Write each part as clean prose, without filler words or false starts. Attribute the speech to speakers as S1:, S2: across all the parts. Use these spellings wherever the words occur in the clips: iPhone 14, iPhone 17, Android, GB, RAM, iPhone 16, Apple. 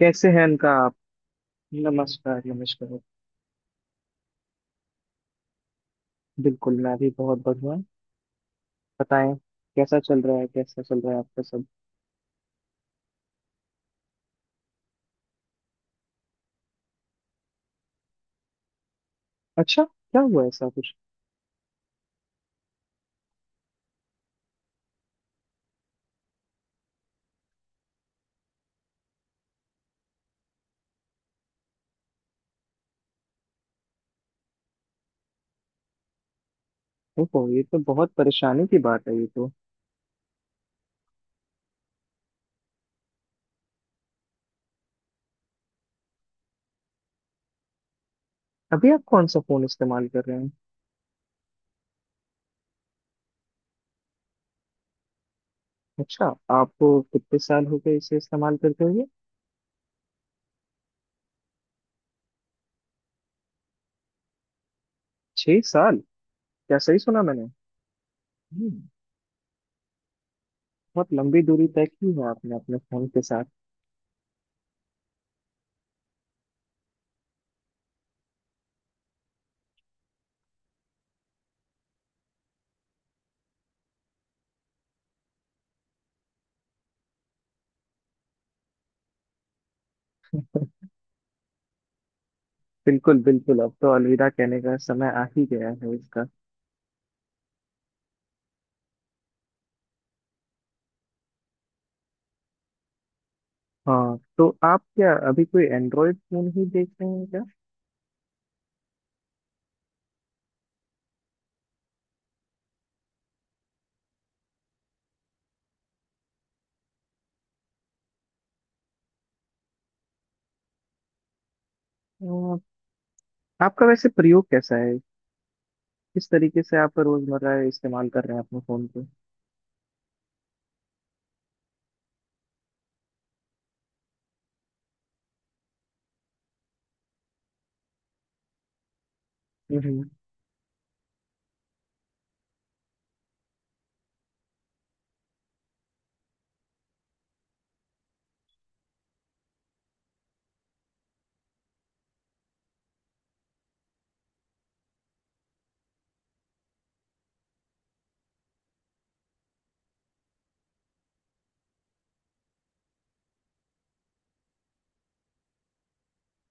S1: कैसे हैं इनका आप? नमस्कार, नमस्कार। बिल्कुल, मैं भी बहुत बढ़िया हूँ। बताएं। कैसा चल रहा है, कैसा चल रहा है आपका सब? अच्छा, क्या हुआ ऐसा कुछ? ओहो, ये तो बहुत परेशानी की बात है, ये तो। अभी आप कौन सा फोन इस्तेमाल कर रहे हैं? अच्छा। आपको कितने साल हो गए इसे इस्तेमाल करते हुए? 6 साल? क्या सही सुना मैंने? हम्म, बहुत लंबी दूरी तय की है आपने अपने फोन के साथ। बिल्कुल, बिल्कुल, अब तो अलविदा कहने का समय आ ही गया है इसका। हाँ, तो आप क्या अभी कोई एंड्रॉयड फोन ही देख रहे हैं? अ, आपका वैसे प्रयोग कैसा है? किस तरीके से आप रोजमर्रा इस्तेमाल कर रहे हैं अपने फोन को? हम्म।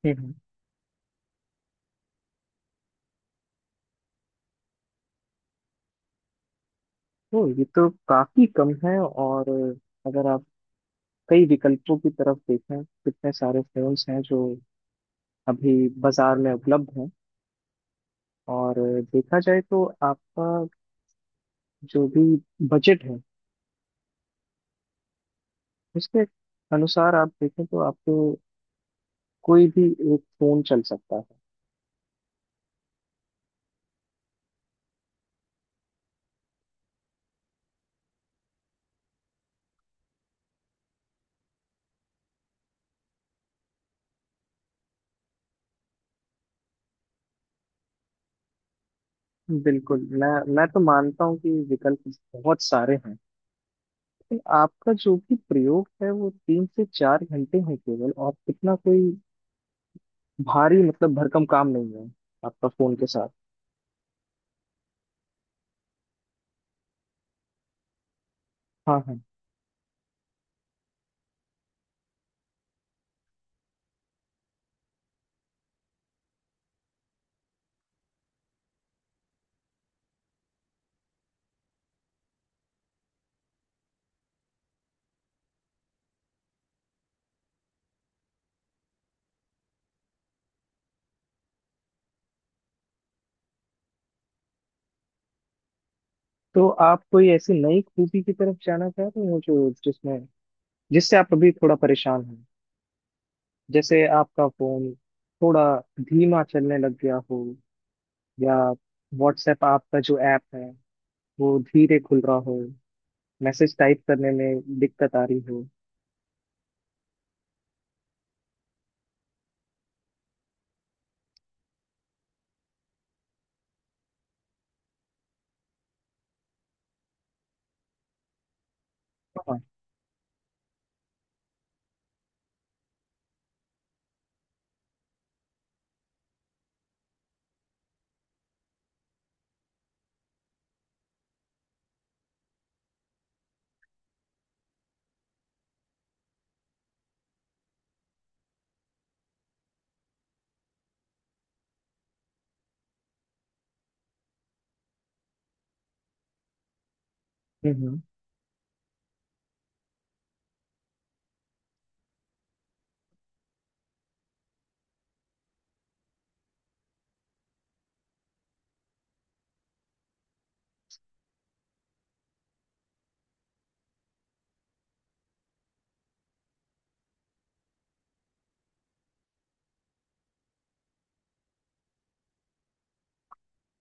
S1: हम्म। तो ये तो काफी कम है। और अगर आप कई विकल्पों की तरफ देखें, कितने सारे फोन्स हैं जो अभी बाजार में उपलब्ध हैं। और देखा जाए तो आपका जो भी बजट है, उसके अनुसार आप देखें तो आपको कोई भी एक फोन चल सकता है। बिल्कुल, मैं तो मानता हूँ कि विकल्प बहुत सारे हैं। तो आपका जो भी प्रयोग है वो 3 से 4 घंटे है केवल, और इतना कोई भारी, मतलब भरकम काम नहीं है आपका फोन के साथ। हाँ, हाँ। तो आप कोई ऐसी नई खूबी की तरफ जाना चाह रहे हो जो जिसमें जिससे आप अभी थोड़ा परेशान हैं, जैसे आपका फोन थोड़ा धीमा चलने लग गया हो, या व्हाट्सएप आपका जो ऐप है वो धीरे खुल रहा हो, मैसेज टाइप करने में दिक्कत आ रही हो। हाँ। हम्म। हम्म।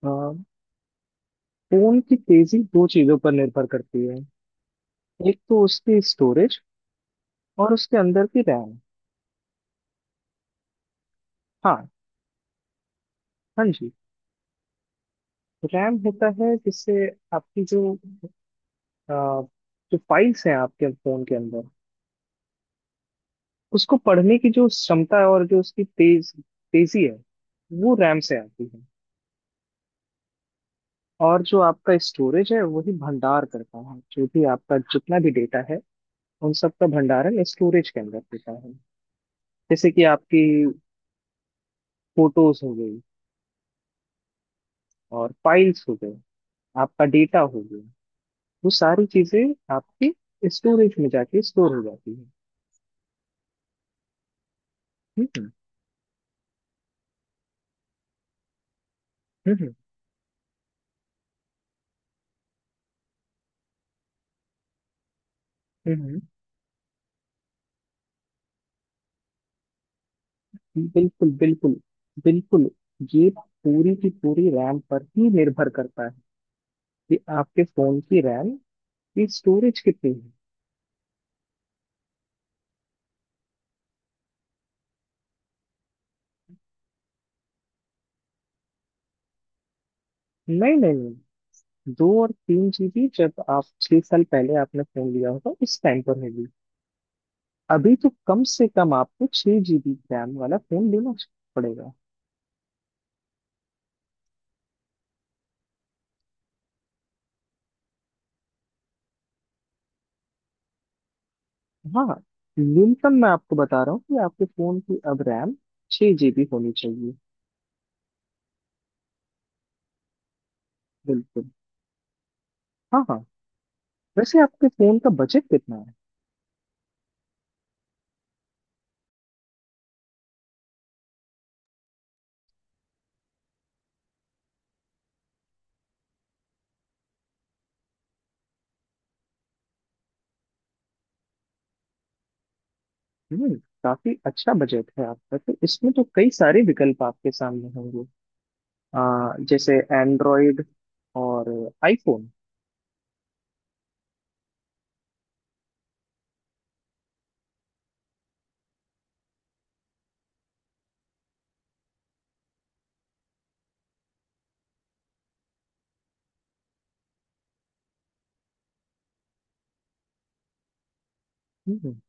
S1: अ, फोन की तेजी दो चीजों पर निर्भर करती है, एक तो उसकी स्टोरेज, और उसके अंदर की रैम। हाँ, हाँ जी। रैम होता है जिससे आपकी अ, जो फाइल्स हैं आपके फोन के अंदर, उसको पढ़ने की जो क्षमता है और जो उसकी तेजी है, वो रैम से आती है। और जो आपका स्टोरेज है वही भंडार करता है, जो भी आपका जितना भी डेटा है, उन सब का भंडारण स्टोरेज के अंदर होता है। जैसे कि आपकी फोटोज हो गई, और फाइल्स हो गए, आपका डेटा हो गया, वो सारी चीजें आपके स्टोरेज में जाके स्टोर हो जाती है। ठीक है। हम्म। हम्म। हम्म। बिल्कुल, बिल्कुल, बिल्कुल, ये पूरी की पूरी रैम पर ही निर्भर करता है, कि आपके फोन की रैम की स्टोरेज कितनी है। नहीं, नहीं, नहीं, 2 और 3 जीबी जब आप 6 साल पहले आपने फोन लिया होगा उस टाइम पर होगी। अभी तो कम से कम आपको 6 जीबी रैम वाला फोन लेना पड़ेगा। हाँ, न्यूनतम मैं आपको बता रहा हूँ कि आपके फोन की अब रैम 6 जीबी होनी चाहिए। बिल्कुल। हाँ, हाँ। वैसे आपके फोन का बजट कितना है? हम्म। काफी अच्छा बजट है आपका, तो इसमें तो कई सारे विकल्प आपके सामने होंगे, जैसे एंड्रॉयड और आईफोन। हम्म।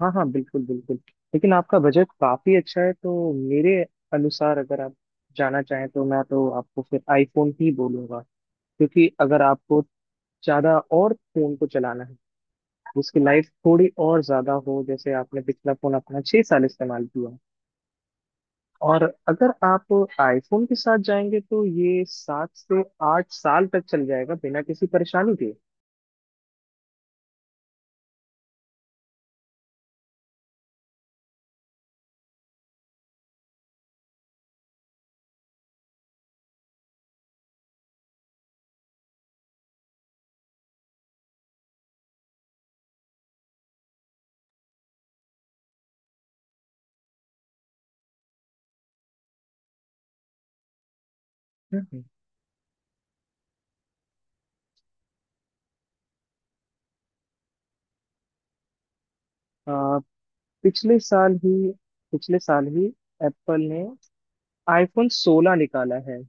S1: हाँ, हाँ, बिल्कुल, बिल्कुल। लेकिन आपका बजट काफी अच्छा है, तो मेरे अनुसार, अगर आप जाना चाहें तो मैं तो आपको फिर आईफोन ही बोलूंगा। क्योंकि अगर आपको ज्यादा और फोन को चलाना है, उसकी लाइफ थोड़ी और ज्यादा हो, जैसे आपने पिछला फोन अपना 6 साल इस्तेमाल किया, और अगर आप आईफोन के साथ जाएंगे तो ये 7 से 8 साल तक चल जाएगा बिना किसी परेशानी के। हम्म। आ, पिछले साल ही पिछले साल ही एप्पल ने आईफोन 16 निकाला है।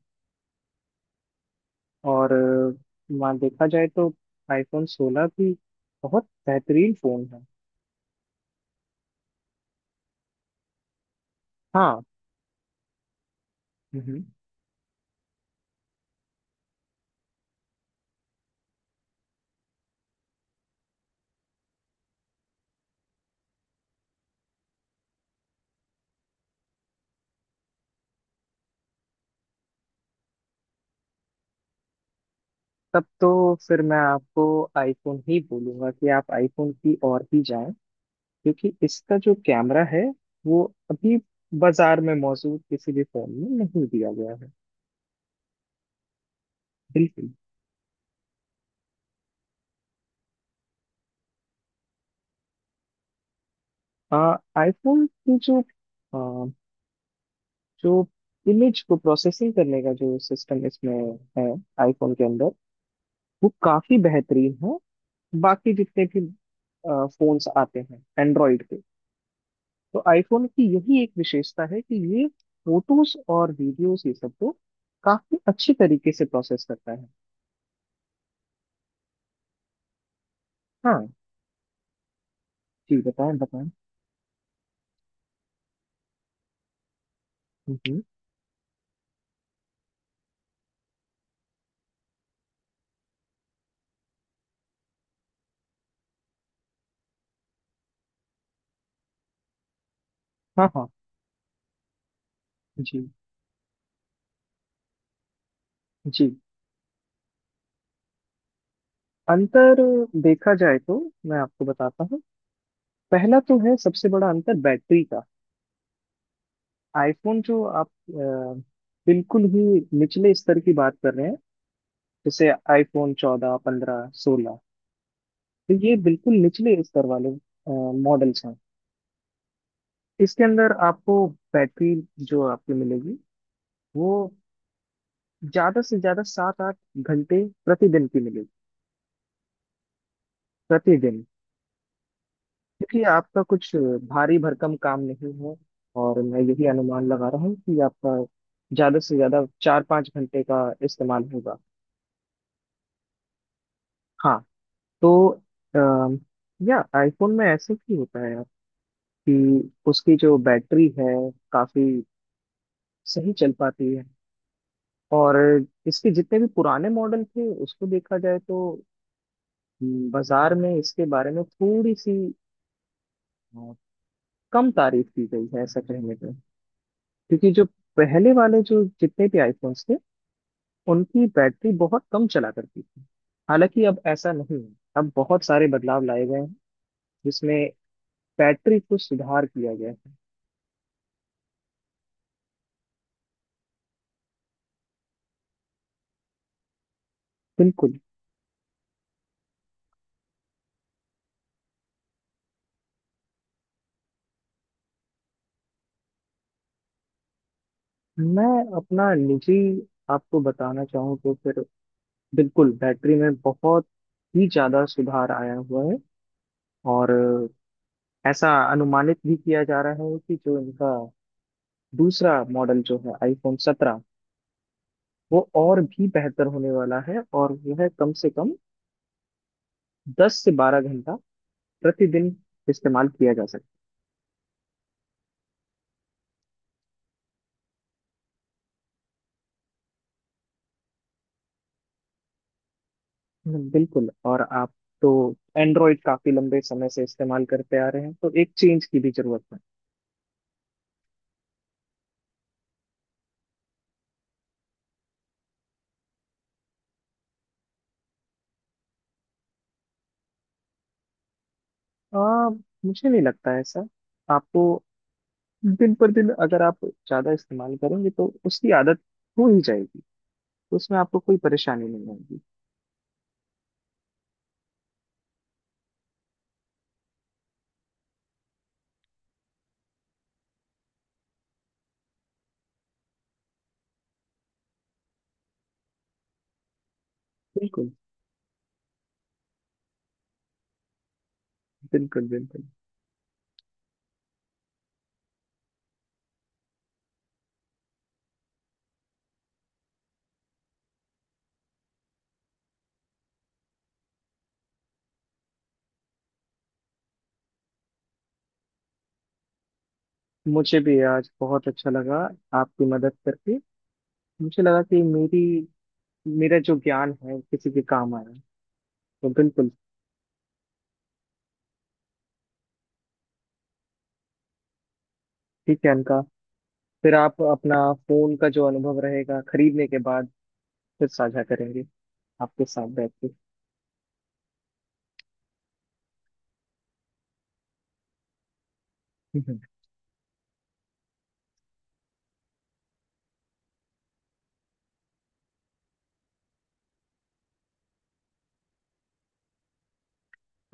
S1: और वहाँ देखा जाए तो आईफोन 16 भी बहुत बेहतरीन फोन है। हाँ। हम्म। तब तो फिर मैं आपको आईफोन ही बोलूंगा कि आप आईफोन की ओर ही जाएं, क्योंकि इसका जो कैमरा है, वो अभी बाजार में मौजूद किसी भी फोन में नहीं दिया गया है। बिल्कुल। आ, आईफोन की अ, जो इमेज को प्रोसेसिंग करने का जो सिस्टम इसमें है, आईफोन के अंदर, वो काफी बेहतरीन है। बाकी जितने भी फोन्स आते हैं एंड्रॉइड के, तो आईफोन की यही एक विशेषता है कि ये फोटोज और वीडियोस, ये सब को काफी अच्छी तरीके से प्रोसेस करता है। हाँ जी, बताएं, बताएं। हाँ, हाँ, जी, जी, अंतर देखा जाए तो मैं आपको बताता हूँ। पहला तो है सबसे बड़ा अंतर बैटरी का। आईफोन जो आप बिल्कुल ही निचले स्तर की बात कर रहे हैं, जैसे आईफोन 14 15 16, तो ये बिल्कुल निचले स्तर वाले मॉडल्स हैं। इसके अंदर आपको बैटरी जो आपको मिलेगी, वो ज्यादा से ज्यादा 7 8 घंटे प्रतिदिन की मिलेगी। प्रतिदिन। देखिए आपका कुछ भारी भरकम काम नहीं है, और मैं यही अनुमान लगा रहा हूँ कि आपका ज्यादा से ज्यादा 4 5 घंटे का इस्तेमाल होगा। हाँ। तो अम, या आईफोन में ऐसे ही होता है कि उसकी जो बैटरी है काफी सही चल पाती है। और इसके जितने भी पुराने मॉडल थे, उसको देखा जाए तो बाजार में इसके बारे में थोड़ी सी अ, कम तारीफ की गई है ऐसा कहने पे। क्योंकि जो पहले वाले जो जितने भी आईफोन्स थे, उनकी बैटरी बहुत कम चला करती थी। हालांकि अब ऐसा नहीं है, अब बहुत सारे बदलाव लाए गए हैं जिसमें बैटरी को सुधार किया गया है। बिल्कुल। मैं अपना निजी आपको बताना चाहूँ तो फिर बिल्कुल, बैटरी में बहुत ही ज्यादा सुधार आया हुआ है। और ऐसा अनुमानित भी किया जा रहा है कि जो इनका दूसरा मॉडल जो है आईफोन 17, वो और भी बेहतर होने वाला है, और वह कम से कम 10 से 12 घंटा प्रतिदिन इस्तेमाल किया जा सकता है। बिल्कुल, और आप तो एंड्रॉइड काफी लंबे समय से इस्तेमाल करते आ रहे हैं, तो एक चेंज की भी जरूरत है। आ, मुझे नहीं लगता है ऐसा। आपको दिन पर दिन अगर आप ज्यादा इस्तेमाल करेंगे, तो उसकी आदत हो ही जाएगी, तो उसमें आपको कोई परेशानी नहीं आएगी। बिल्कुल, बिल्कुल, बिल्कुल। मुझे भी आज बहुत अच्छा लगा आपकी मदद करके। मुझे लगा कि मेरी मेरा जो ज्ञान है किसी के काम आया, तो बिल्कुल। ठीक है अनका, फिर आप अपना फोन का जो अनुभव रहेगा खरीदने के बाद फिर साझा करेंगे आपके साथ बैठ के। हम्म।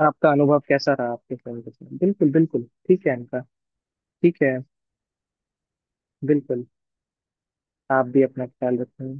S1: आपका अनुभव कैसा रहा आपके फोन के साथ, बिल्कुल, बिल्कुल। ठीक है अनका, ठीक है। बिल्कुल, आप भी अपना ख्याल रखें।